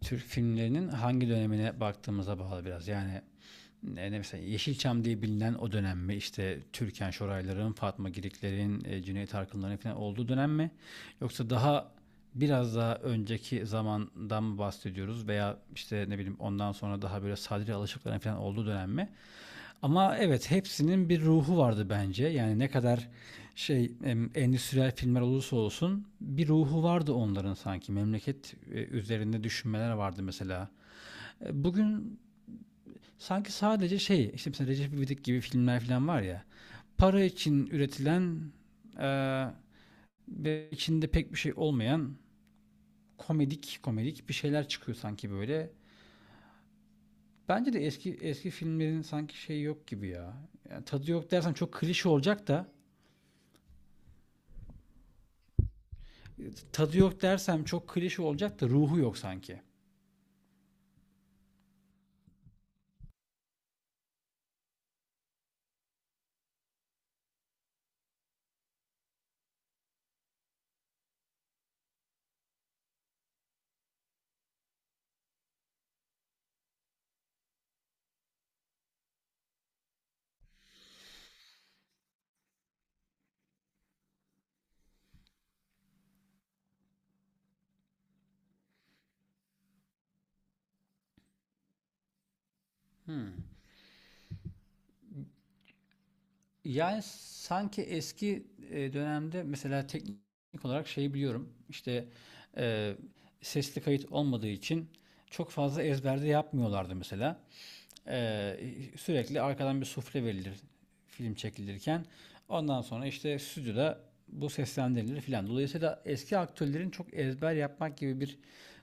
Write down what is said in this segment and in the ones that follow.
Türk filmlerinin hangi dönemine baktığımıza bağlı biraz. Yani ne, mesela Yeşilçam diye bilinen o dönem mi? İşte Türkan Şorayların, Fatma Giriklerin, Cüneyt Arkınların falan olduğu dönem mi? Yoksa daha biraz daha önceki zamandan mı bahsediyoruz veya işte ne bileyim ondan sonra daha böyle Sadri Alışıkların falan olduğu dönem mi? Ama evet, hepsinin bir ruhu vardı bence. Yani ne kadar endüstriyel filmler olursa olsun bir ruhu vardı onların sanki. Memleket üzerinde düşünmeler vardı mesela. Bugün sanki sadece şey, işte mesela Recep İvedik gibi filmler falan var ya. Para için üretilen e, ve içinde pek bir şey olmayan komedik komedik bir şeyler çıkıyor sanki böyle. Bence de eski eski filmlerin sanki şeyi yok gibi ya. Yani tadı yok dersem çok klişe olacak da tadı yok dersem çok klişe olacak da ruhu yok sanki. Yani sanki eski dönemde mesela teknik olarak şey biliyorum. İşte e, sesli kayıt olmadığı için çok fazla ezberde yapmıyorlardı mesela. Ee, Sürekli arkadan bir sufle verilir film çekilirken. Ondan sonra işte stüdyoda bu seslendirilir filan. Dolayısıyla eski aktörlerin çok ezber yapmak gibi bir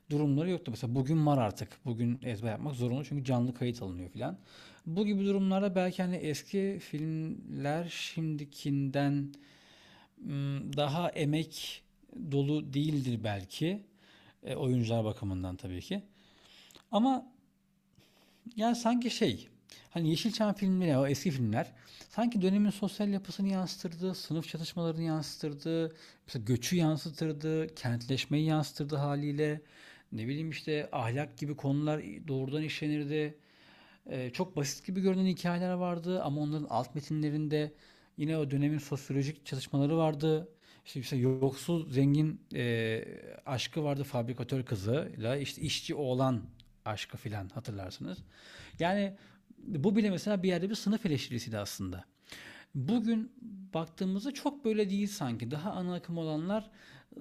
durumları yoktu. Mesela bugün var artık. Bugün ezber yapmak zorunlu, çünkü canlı kayıt alınıyor filan. Bu gibi durumlarda belki hani eski filmler şimdikinden daha emek dolu değildir belki. Oyuncular bakımından tabii ki. Ama yani sanki şey, hani Yeşilçam filmleri, o eski filmler sanki dönemin sosyal yapısını yansıtırdı, sınıf çatışmalarını yansıtırdı, mesela göçü yansıtırdı, kentleşmeyi yansıtırdı haliyle. Ne bileyim, işte ahlak gibi konular doğrudan işlenirdi. Çok basit gibi görünen hikayeler vardı, ama onların alt metinlerinde yine o dönemin sosyolojik çalışmaları vardı. İşte mesela yoksul zengin aşkı vardı, fabrikatör kızıyla işte işçi oğlan aşkı filan, hatırlarsınız. Yani bu bile mesela bir yerde bir sınıf eleştirisiydi aslında. Bugün baktığımızda çok böyle değil sanki. Daha ana akım olanlar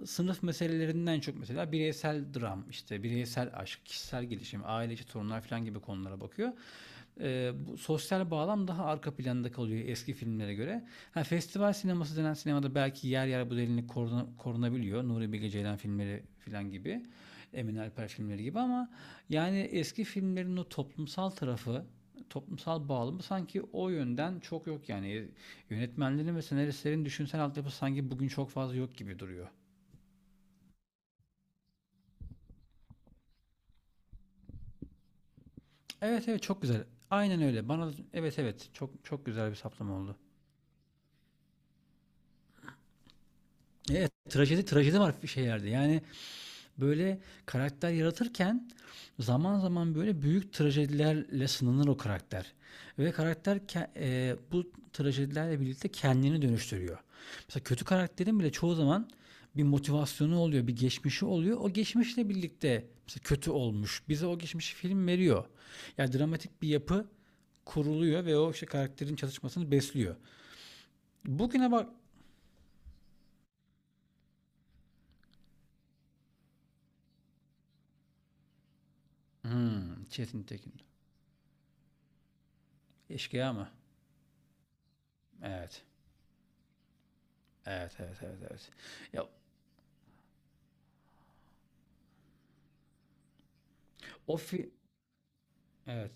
sınıf meselelerinden çok mesela bireysel dram, işte bireysel aşk, kişisel gelişim, aile içi sorunlar falan gibi konulara bakıyor. Bu sosyal bağlam daha arka planda kalıyor eski filmlere göre. Ha, festival sineması denen sinemada belki yer yer bu derinlik korunabiliyor. Nuri Bilge Ceylan filmleri falan gibi. Emin Alper filmleri gibi, ama yani eski filmlerin o toplumsal tarafı, toplumsal bağlamı sanki o yönden çok yok yani. Yönetmenlerin ve senaristlerin düşünsel altyapısı sanki bugün çok fazla yok gibi duruyor. Evet, evet, çok güzel. Aynen öyle. Bana evet, evet çok çok güzel bir saptama oldu. Evet, trajedi trajedi var şeylerde. Yani böyle karakter yaratırken zaman zaman böyle büyük trajedilerle sınanır o karakter. Ve karakter bu trajedilerle birlikte kendini dönüştürüyor. Mesela kötü karakterin bile çoğu zaman bir motivasyonu oluyor, bir geçmişi oluyor. O geçmişle birlikte mesela kötü olmuş. Bize o geçmişi film veriyor. Yani dramatik bir yapı kuruluyor ve o işte karakterin çatışmasını besliyor. Bugüne bak. Hmm, Çetin Tekin. Eşkıya mı? Evet. Evet, evet, evet, evet. Ya, O fi evet.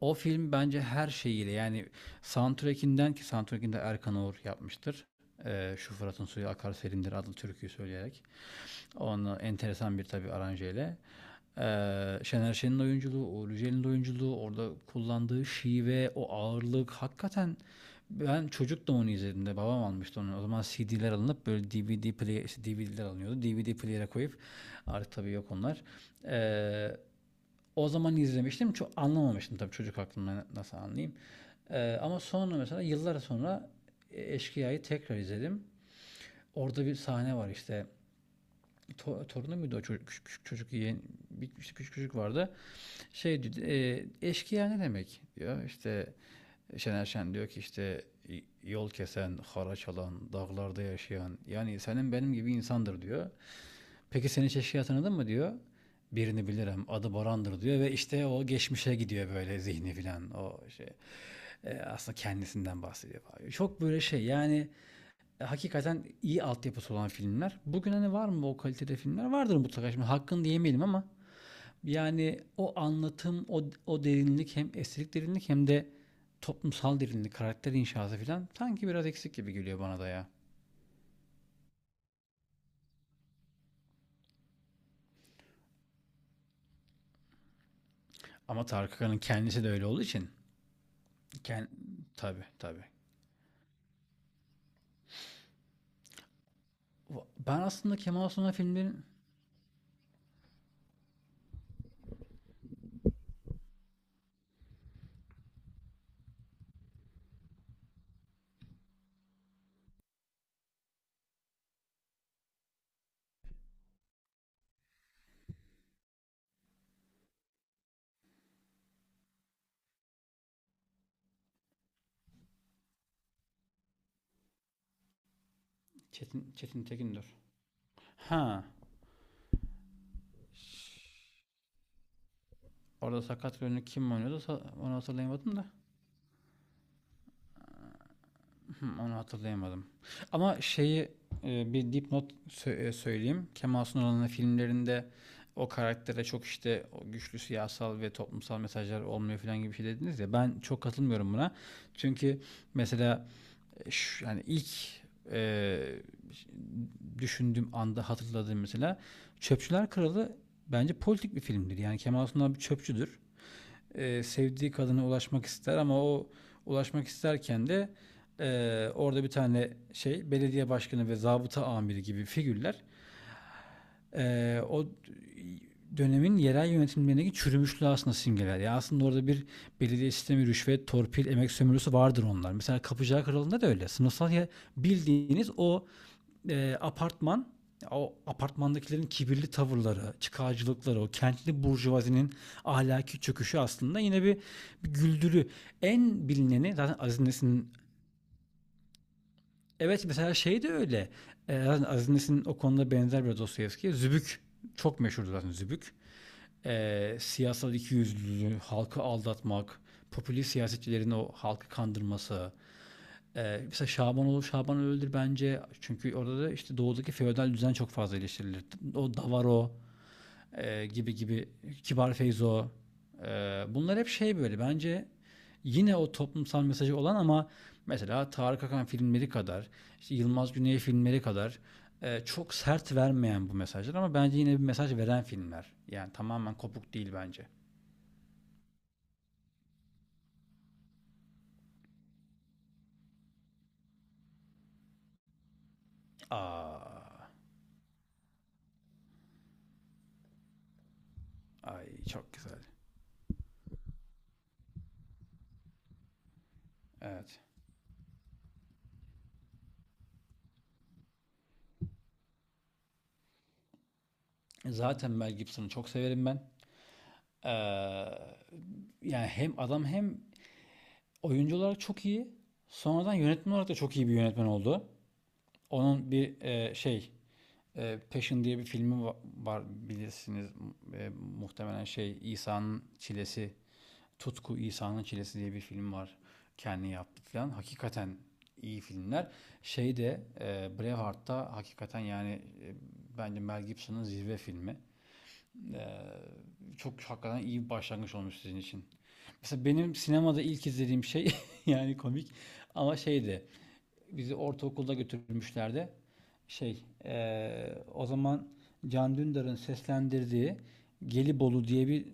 O film bence her şeyiyle, yani soundtrack'inden, ki soundtrack'inde Erkan Oğur yapmıştır. Şu Fırat'ın suyu akar serindir adlı türküyü söyleyerek. Onu enteresan bir tabii aranjeyle. Şener Şen'in oyunculuğu, Uğur Yücel'in oyunculuğu, orada kullandığı şive, o ağırlık hakikaten, ben çocuk da onu izlediğimde babam almıştı onu. O zaman CD'ler alınıp böyle DVD player, DVD'ler alınıyordu. DVD player'e koyup, artık tabii yok onlar. Ee, O zaman izlemiştim. Çok anlamamıştım tabii, çocuk aklımda nasıl anlayayım. Ama sonra mesela yıllar sonra Eşkıya'yı tekrar izledim. Orada bir sahne var işte. Torunu muydu o çocuk? Küçük, küçük çocuk, yeğen. Bir, işte küçük çocuk vardı. Eşkıya ne demek, diyor. İşte Şener Şen diyor ki, işte yol kesen, haraç alan, dağlarda yaşayan, yani senin benim gibi insandır, diyor. Peki, senin çeşkiyi tanıdın mı, diyor. Birini bilirim, adı Boran'dır, diyor ve işte o geçmişe gidiyor böyle, zihni filan o şey. Aslında kendisinden bahsediyor, falan. Çok böyle şey yani, hakikaten iyi altyapısı olan filmler. Bugün hani var mı o kalitede filmler? Vardır mutlaka, şimdi hakkını diyemeyelim, ama yani o anlatım, o derinlik, hem estetik derinlik hem de toplumsal derinlik, karakter inşası filan sanki biraz eksik gibi geliyor bana da ya. Ama Tarık Akan'ın kendisi de öyle olduğu için, kend... tabi tabi. Ben aslında Kemal Sunal filmlerin. Çetin, Çetin Tekin'dir. Ha. Orada sakat rolünü kim oynuyordu, onu hatırlayamadım da. Onu hatırlayamadım. Ama şeyi, bir dipnot söyleyeyim. Kemal Sunal'ın filmlerinde o karaktere çok, işte o güçlü siyasal ve toplumsal mesajlar olmuyor falan gibi bir şey dediniz ya. Ben çok katılmıyorum buna. Çünkü mesela yani ilk e, düşündüğüm anda hatırladığım mesela Çöpçüler Kralı bence politik bir filmdir. Yani Kemal Sunal bir çöpçüdür. Sevdiği kadına ulaşmak ister, ama o ulaşmak isterken de orada bir tane şey, belediye başkanı ve zabıta amiri gibi figürler, o dönemin yerel yönetimlerindeki çürümüşlüğü aslında simgeler. Yani aslında orada bir belediye sistemi, rüşvet, torpil, emek sömürüsü vardır onlar. Mesela Kapıcılar Kralı'nda da öyle. Sınıfsal bildiğiniz o apartman, o apartmandakilerin kibirli tavırları, çıkarcılıkları, o kentli burjuvazinin ahlaki çöküşü aslında yine bir, güldürü. En bilineni zaten Aziz Nesin'in. Evet, mesela şey de öyle. Aziz Nesin o konuda benzer bir Dostoyevski'ye. Zübük çok meşhurdu zaten. Zübük, siyasal ikiyüzlülüğü, halkı aldatmak, popülist siyasetçilerin o halkı kandırması. Mesela Şabanoğlu Şabanoğlu öldür bence. Çünkü orada da işte doğudaki feodal düzen çok fazla eleştirilir. O Davaro gibi gibi, Kibar Feyzo. e, Bunlar hep şey böyle bence, yine o toplumsal mesajı olan, ama mesela Tarık Akan filmleri kadar, işte Yılmaz Güney filmleri kadar çok sert vermeyen bu mesajlar, ama bence yine bir mesaj veren filmler. Yani tamamen kopuk değil bence. Aa. Ay, çok güzel. Evet. Zaten Mel Gibson'ı çok severim ben. Ee, Yani hem adam hem oyuncu olarak çok iyi. Sonradan yönetmen olarak da çok iyi bir yönetmen oldu. Onun bir Passion diye bir filmi var, bilirsiniz. Muhtemelen şey, İsa'nın çilesi, Tutku İsa'nın Çilesi diye bir film var. Kendi yaptı falan. Hakikaten iyi filmler. Braveheart'ta hakikaten, yani e, bence Mel Gibson'ın zirve filmi. Çok hakikaten iyi bir başlangıç olmuş sizin için. Mesela benim sinemada ilk izlediğim şey yani komik, ama şeydi, bizi ortaokulda götürmüşlerdi. O zaman Can Dündar'ın seslendirdiği Gelibolu diye bir,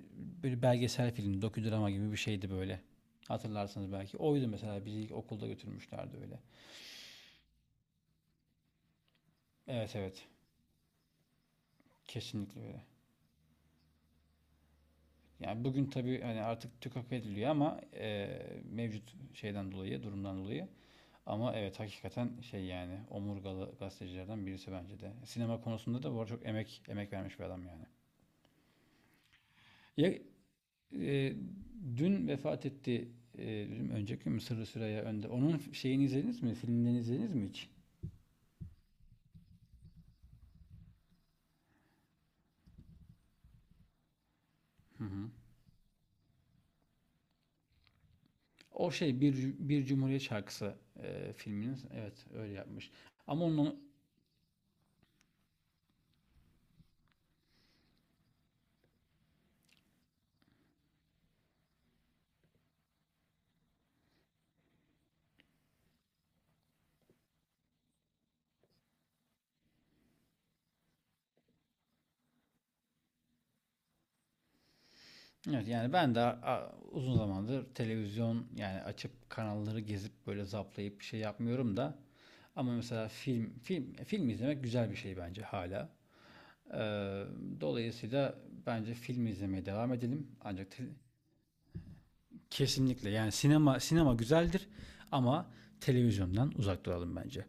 böyle belgesel film, dokudrama gibi bir şeydi böyle. Hatırlarsınız belki. Oydu mesela, bizi ilk okulda götürmüşlerdi öyle. Evet, evet. Kesinlikle öyle. Yani bugün tabii hani artık tükak ediliyor, ama mevcut şeyden dolayı, durumdan dolayı. Ama evet, hakikaten şey, yani omurgalı gazetecilerden birisi bence de. Sinema konusunda da bu arada çok emek emek vermiş bir adam yani. Ya, Eee, dün vefat etti. Eee, Önceki gün mü, Süreyya Önde. Onun şeyini izlediniz mi? Filmlerini izlediniz mi hiç? Hı hı. O şey, bir Cumhuriyet şarkısı, filminiz. Evet, öyle yapmış. Ama onun, evet, yani ben de uzun zamandır televizyon, yani açıp kanalları gezip böyle zaplayıp bir şey yapmıyorum da, ama mesela film film film izlemek güzel bir şey bence hala. Eee, Dolayısıyla bence film izlemeye devam edelim. Kesinlikle, yani sinema sinema güzeldir, ama televizyondan uzak duralım bence.